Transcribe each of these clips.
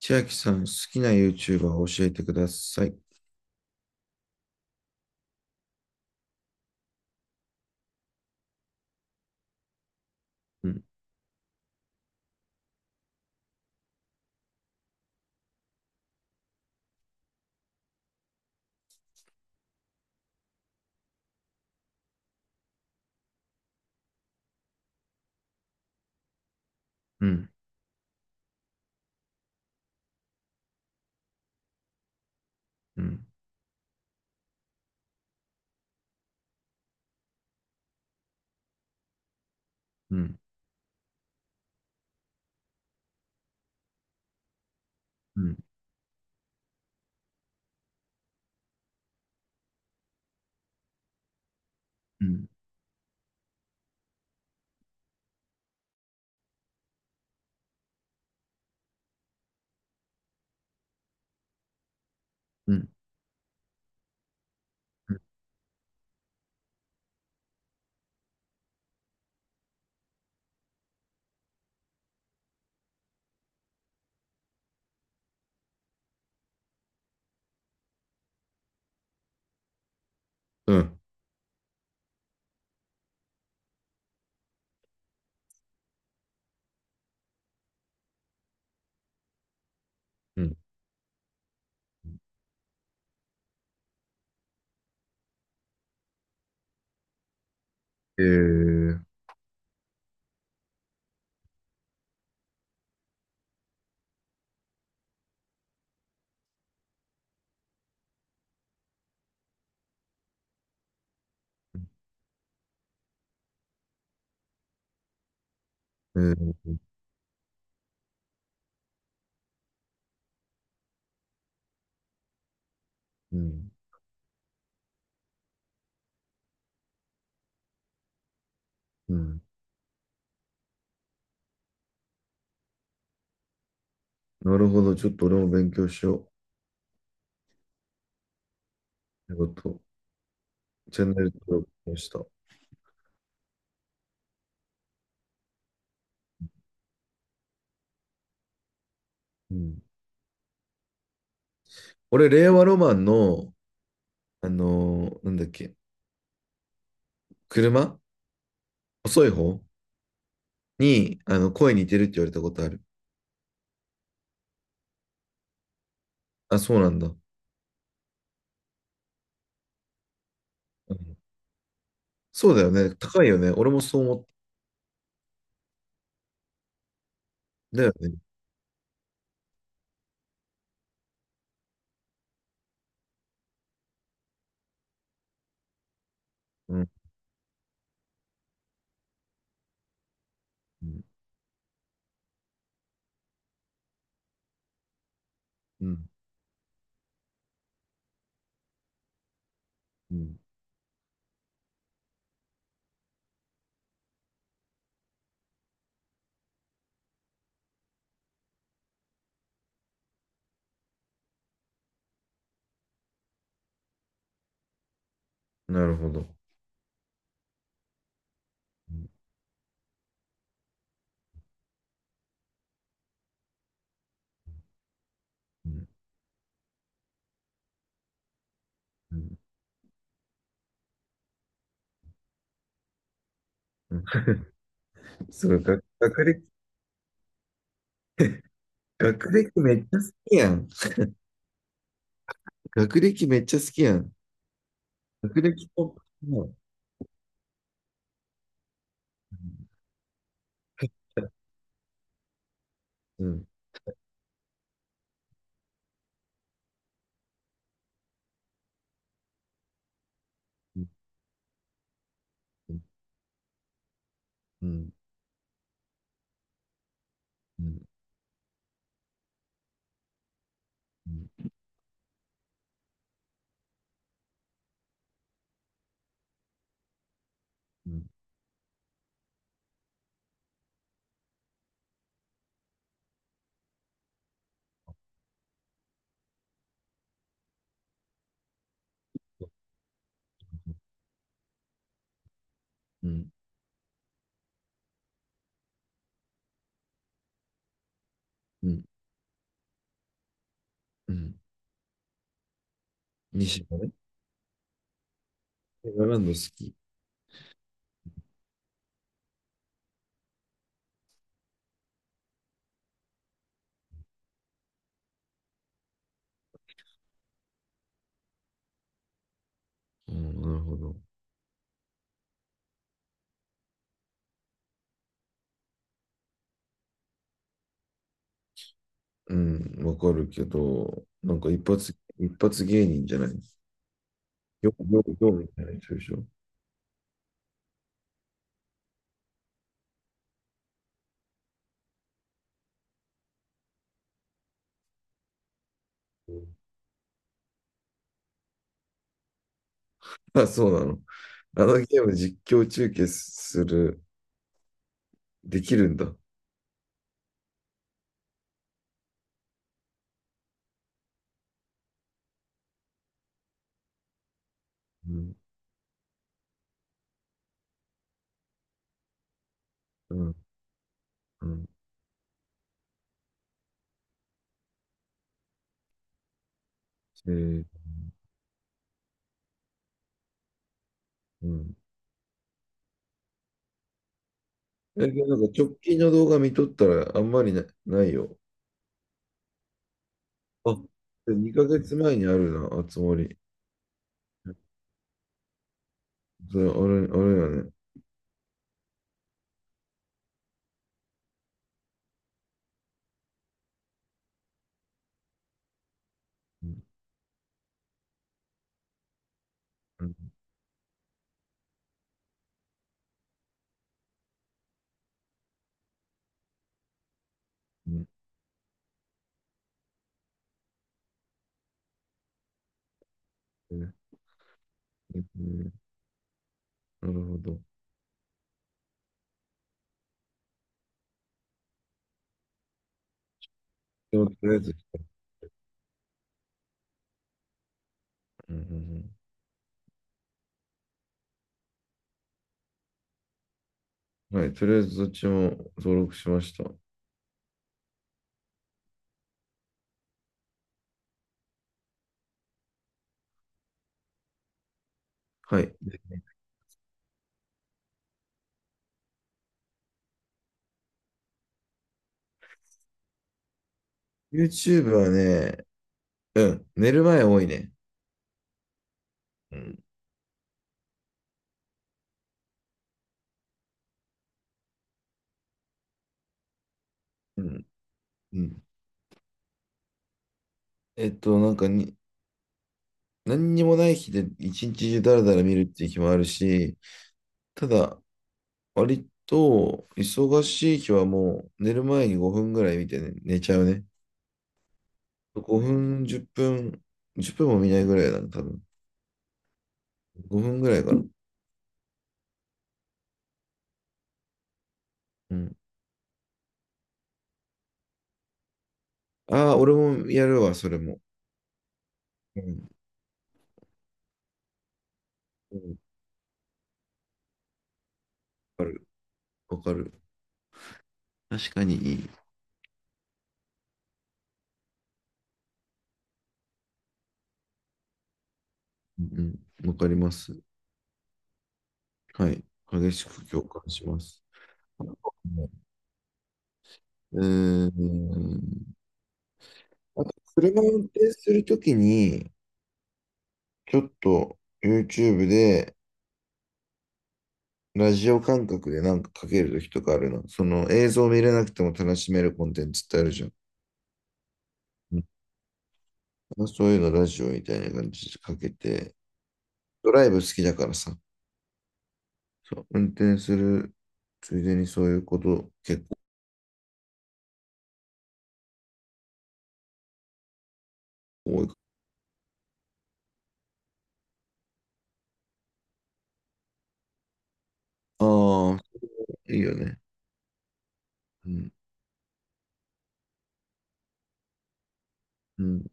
千秋さん、好きな YouTuber を教えてください。うん、うん、うん、うん、うん、うん、うん、うん、うん。えー、えー、うん、うん。なるほど。ちょっと俺も勉強しよう。ということ。チャンネル登録しました。うん。俺、令和ロマンの、なんだっけ、車遅い方に、あの、声似てるって言われたことある。あ、そうなんだ。うん。そうだよね。高いよね。俺もそう思った。だよね。うん、うん、うん。うん。なるほど。うん、うん、うん、うん。すごい、学歴、学歴めっちゃ好きやん。学歴めっちゃ好きやん。学歴と、もう、うん、うん、うん、うん、うん、うん、うん、うん、うん。西野ね。エガランド好き。うん、なるほど。うん、わかるけど、なんか一発芸人じゃない。よ、よ、よみたいな人でしょ。うん。あ、そうなの。あのゲーム実況中継する、できるんだ。うん、うんうん。えー、うん。え、で、なんか直近の動画見とったらあんまりな、ないよ。あ、で2ヶ月前にあるな、あつ森。それ、あれ、あれやね。うん、うん、うん。えー、なるほど。でも、とりあえず、うんうんうん、はい、とりあえずどっちも登録しました。はい。YouTube はね、うん、寝る前多いね。うん、うん、うん。えっと、なんかに、何にもない日で一日中ダラダラ見るっていう日もあるし、ただ、割と、忙しい日はもう、寝る前に5分ぐらい見て、ね、寝ちゃうね。5分、10分、10分も見ないぐらいだな、多分。5分ぐらいかな。うん。ああ、俺もやるわ、それも。うん。うん、わかる。わかる。確かにいい。うんうん。わかります。はい。激しく共感します。あと、うーん。あと、車運転するときに、ちょっと YouTube で、ラジオ感覚でなんかかけるときとかあるの。その映像見れなくても楽しめるコンテンツってあるじゃん。うん。そういうのラジオみたいな感じでかけて、ドライブ好きだからさ、そう運転するついでにそういうこと結構多いから。ああ、いいよね。うん、うん、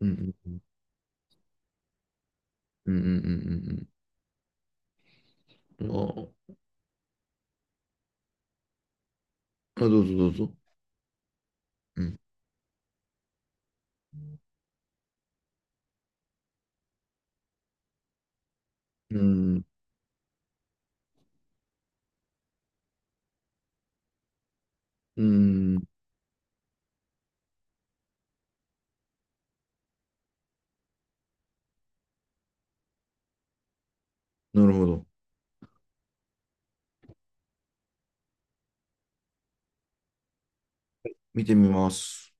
うん、うん、うん、うん、うん、うん。うんうん、あー、あ、どうぞどうぞ。うん、うん、うん、なるほど。見てみます。